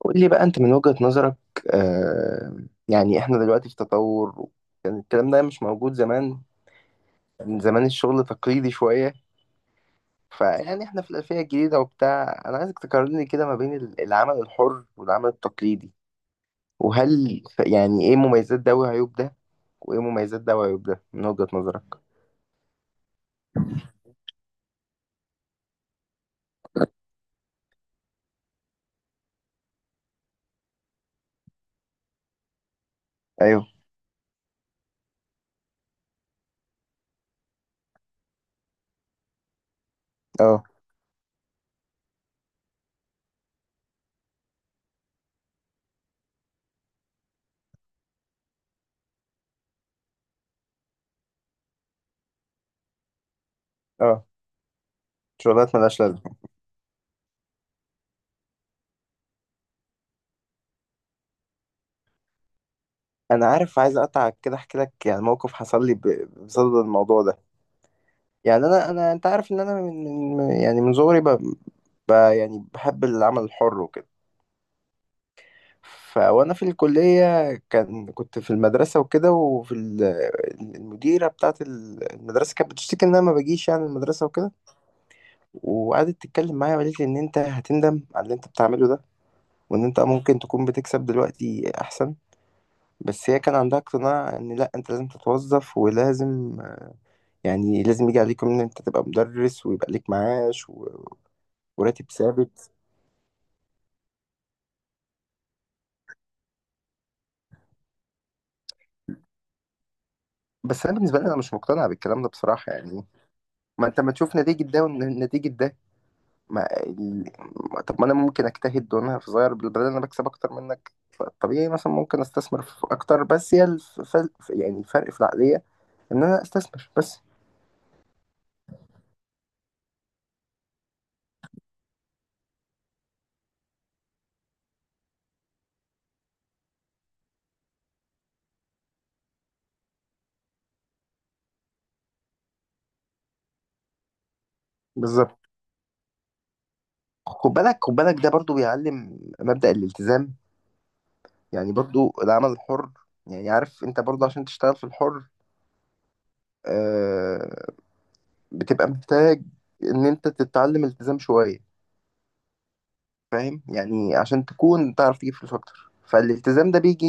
قول لي بقى انت من وجهة نظرك. آه يعني احنا دلوقتي في تطور. يعني الكلام ده مش موجود زمان. من زمان الشغل تقليدي شوية. فيعني احنا في الألفية الجديدة وبتاع. انا عايزك تقارن لي كده ما بين العمل الحر والعمل التقليدي. وهل يعني ايه مميزات ده وعيوب ده؟ وايه مميزات ده وعيوب ده من وجهة نظرك؟ ايوه. اه، اه. شغلات ملهاش لازمة. انا عارف، عايز اقطعك كده احكي لك يعني موقف حصل لي بصدد الموضوع ده. يعني انا، انت عارف ان انا يعني من صغري. يعني بحب العمل الحر وكده. وانا في الكلية كنت في المدرسة وكده، وفي المديرة بتاعت المدرسة كانت بتشتكي ان انا ما بجيش يعني المدرسة وكده. وقعدت تتكلم معايا وقالت لي ان انت هتندم على اللي انت بتعمله ده، وان انت ممكن تكون بتكسب دلوقتي احسن. بس هي كان عندها اقتناع ان لا، انت لازم تتوظف ولازم، يعني لازم يجي عليكم ان انت تبقى مدرس، ويبقى ليك معاش وراتب ثابت. بس انا بالنسبة لي انا مش مقتنع بالكلام ده بصراحة يعني. ما انت ما تشوف نتيجة ده ونتيجة ده. ما ال... طب ما انا ممكن اجتهد وانا في صغير بالبدل، انا بكسب اكتر منك، فطبيعي مثلا ممكن استثمر في اكتر. بس هي يعني الفرق في العقلية. ان انا استثمر بس. بالظبط. خد بالك، خد بالك، ده برضو بيعلم مبدأ الالتزام. يعني برضو العمل الحر، يعني عارف انت برضو عشان تشتغل في الحر، آه... بتبقى محتاج ان انت تتعلم التزام شوية. فاهم؟ يعني عشان تكون تعرف تجيب فلوس اكتر، فالالتزام ده بيجي.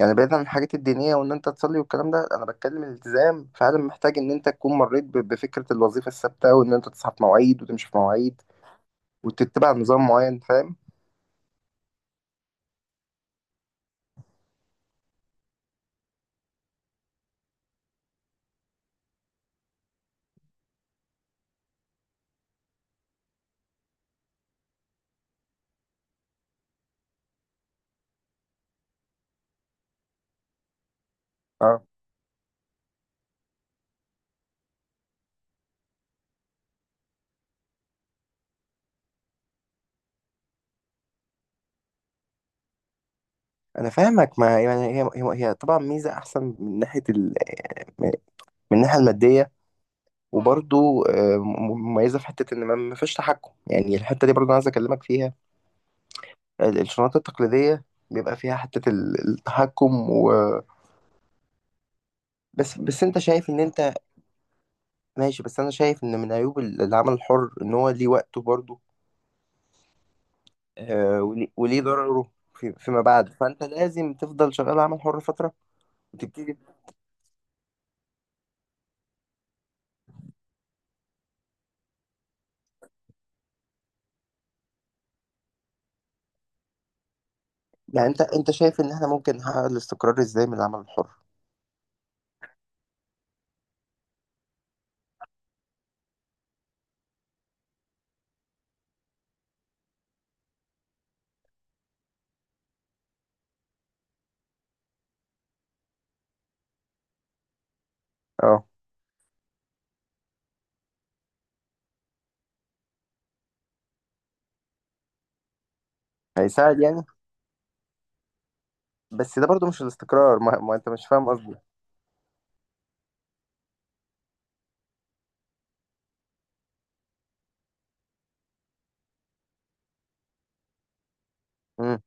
يعني بعيدا عن الحاجات الدينية وإن أنت تصلي والكلام ده، أنا بتكلم الالتزام فعلا، محتاج إن أنت تكون مريت بفكرة الوظيفة الثابتة، وإن أنت تصحى في مواعيد وتمشي في مواعيد وتتبع نظام معين. فاهم؟ اه. أنا فاهمك ما يعني، هي طبعا ميزة أحسن من ناحية من الناحية المادية. وبرضو مميزة في حتة إن ما فيش تحكم. يعني الحتة دي برضو أنا عايز أكلمك فيها. الشنط التقليدية بيبقى فيها حتة التحكم بس أنت شايف إن أنت ماشي. بس انا شايف ان من عيوب العمل الحر ان هو ليه وقته برضه، وليه ضرره فيما بعد. فانت لازم تفضل شغال عمل حر فتره وتبتدي. يعني انت شايف ان احنا ممكن نحقق الاستقرار ازاي من العمل الحر؟ اه. هيساعد يعني. بس ده برضه مش الاستقرار، ما انت مش فاهم قصدي. امم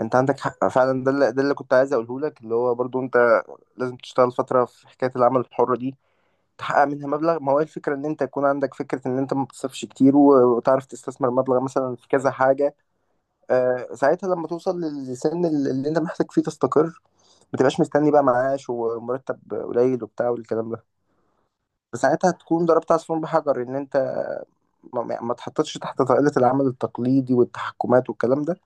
انت عندك حق فعلا. ده اللي كنت عايز اقوله لك، اللي هو برضه انت لازم تشتغل فتره في حكايه العمل الحر دي، تحقق منها مبلغ. ما هو إيه الفكرة؟ ان انت يكون عندك فكرة ان انت ما بتصرفش كتير وتعرف تستثمر مبلغ مثلا في كذا حاجة. ساعتها لما توصل للسن اللي انت محتاج فيه تستقر، ما تبقاش مستني بقى معاش ومرتب قليل وبتاع والكلام ده. فساعتها تكون ضربت عصفور بحجر ان انت ما تحطش تحت طائلة العمل التقليدي والتحكمات والكلام ده.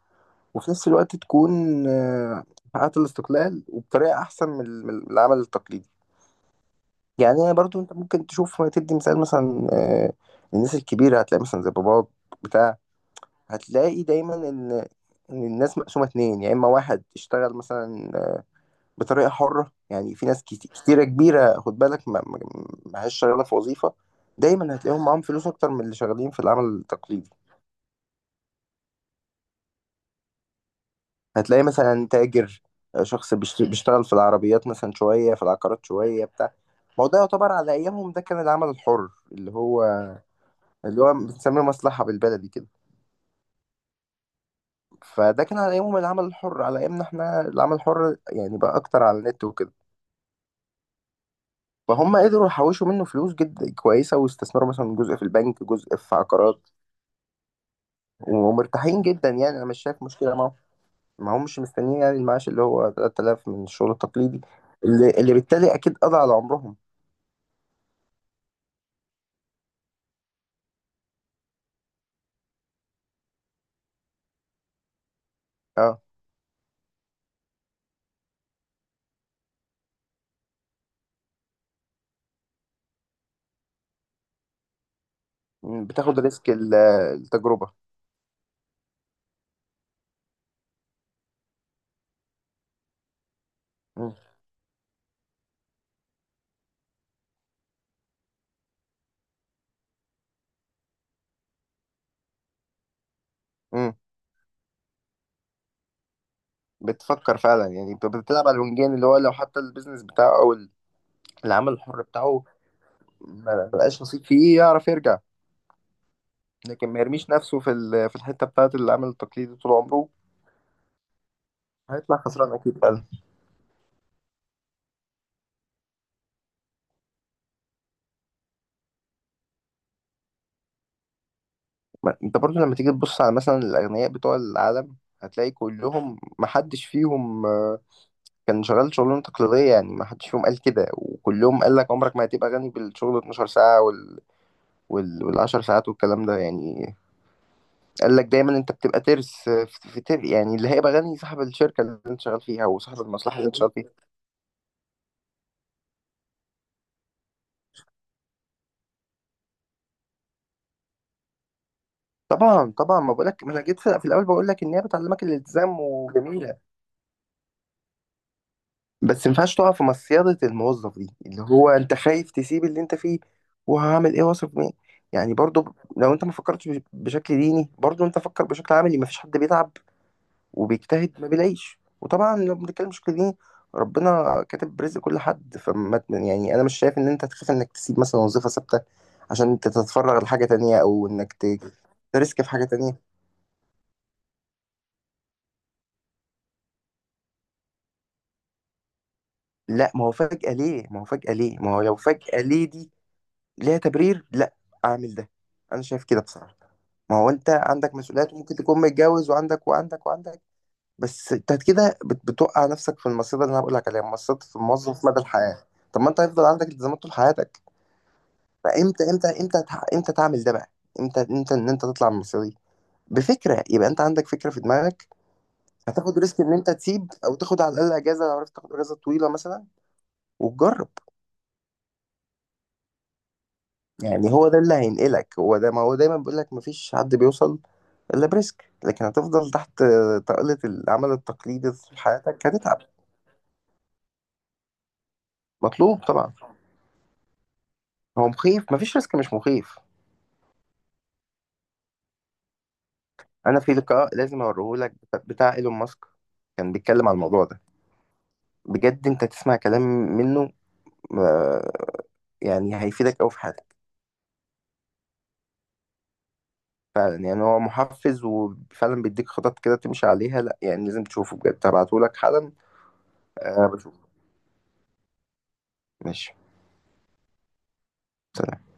وفي نفس الوقت تكون آه، حققت الاستقلال وبطريقة احسن من العمل التقليدي. يعني انا برضو، انت ممكن تشوف تدي مثال مثلا، الناس الكبيره هتلاقي مثلا زي باباك بتاع. هتلاقي دايما ان الناس مقسومه اتنين، يا اما واحد اشتغل مثلا بطريقه حره. يعني في ناس كتيره كبيره، خد بالك، ماهاش شغاله في وظيفه، دايما هتلاقيهم معاهم فلوس اكتر من اللي شغالين في العمل التقليدي. هتلاقي مثلا تاجر، شخص بيشتغل في العربيات مثلا شويه، في العقارات شويه، بتاع. ما هو ده يعتبر على ايامهم، ده كان العمل الحر، اللي هو بنسميه مصلحة بالبلدي كده. فده كان على أيامهم العمل الحر. على أيامنا إحنا العمل الحر يعني بقى أكتر على النت وكده. فهم قدروا يحوشوا منه فلوس جدا كويسة، واستثمروا مثلا جزء في البنك جزء في عقارات. ومرتاحين جدا. يعني أنا مش شايف مشكلة معاهم، ما همش مستنيين يعني المعاش اللي هو 3000 من الشغل التقليدي، اللي بالتالي أكيد قضى على عمرهم. أه. بتاخد ريسك التجربة. م، م، بتفكر فعلا، يعني بتلعب على الونجين، اللي هو لو حتى البيزنس بتاعه أو العمل الحر بتاعه ما بقاش نصيب فيه، يعرف يرجع، لكن ما يرميش نفسه في الحته بتاعت اللي عامل التقليد طول عمره. هيطلع خسران اكيد فعلا. انت برضو لما تيجي تبص على مثلا الاغنياء بتوع العالم، هتلاقي كلهم ما حدش فيهم كان شغال شغلانه تقليديه. يعني ما حدش فيهم قال كده، وكلهم قال لك عمرك ما هتبقى غني بالشغل 12 ساعه وال10 ساعات والكلام ده يعني. قال لك دايما انت بتبقى ترس، في يعني اللي هيبقى غني صاحب الشركه اللي انت شغال فيها وصاحب المصلحه اللي انت شغال فيها. طبعا طبعا، ما بقولك، ما انا جيت في الاول بقول لك ان هي بتعلمك الالتزام وجميله. بس ما ينفعش تقع في مصيده الموظف دي، اللي هو انت خايف تسيب اللي انت فيه وهعمل ايه، واثق مين. يعني برضو، لو انت ما فكرتش بشكل ديني، برضو انت فكر بشكل عملي. ما فيش حد بيتعب وبيجتهد ما بيلاقيش. وطبعا لو بنتكلم بشكل ديني، ربنا كاتب رزق كل حد. فما يعني انا مش شايف ان انت تخاف انك تسيب مثلا وظيفه ثابته عشان انت تتفرغ لحاجه تانية، او انك تريسك في حاجه تانية. لا، ما هو لو فجأة ليه دي ليها تبرير. لا، اعمل ده. انا شايف كده بصراحة. ما هو انت عندك مسؤوليات، وممكن تكون متجوز وعندك وعندك وعندك. بس انت كده بتوقع نفسك في المصيدة اللي انا بقول لك عليها، مصيدة الموظف مدى الحياة. طب ما انت هيفضل عندك التزامات طول حياتك. فامتى امتى امتى تع- امتى تعمل ده بقى؟ امتى ان انت تطلع من المصيدة دي؟ بفكرة. يبقى انت عندك فكرة في دماغك، هتاخد ريسك ان انت تسيب، او تاخد على الاقل اجازة لو عرفت، تاخد اجازة طويلة مثلا وتجرب. يعني هو ده اللي هينقلك، هو ده. ما هو دايما بيقول لك مفيش حد بيوصل الا بريسك. لكن هتفضل تحت طاولة العمل التقليدي طول حياتك، هتتعب. مطلوب طبعا. هو مخيف، مفيش ريسك مش مخيف. انا في لقاء لازم اوريهولك بتاع ايلون ماسك، كان بيتكلم عن الموضوع ده. بجد انت تسمع كلام منه، آه، يعني هيفيدك قوي في حياتك. فعلا يعني هو محفز، وفعلا بيديك خطط كده تمشي عليها. لا يعني لازم تشوفه بجد، هبعتهولك حالا. أه بشوفه. ماشي. سلام.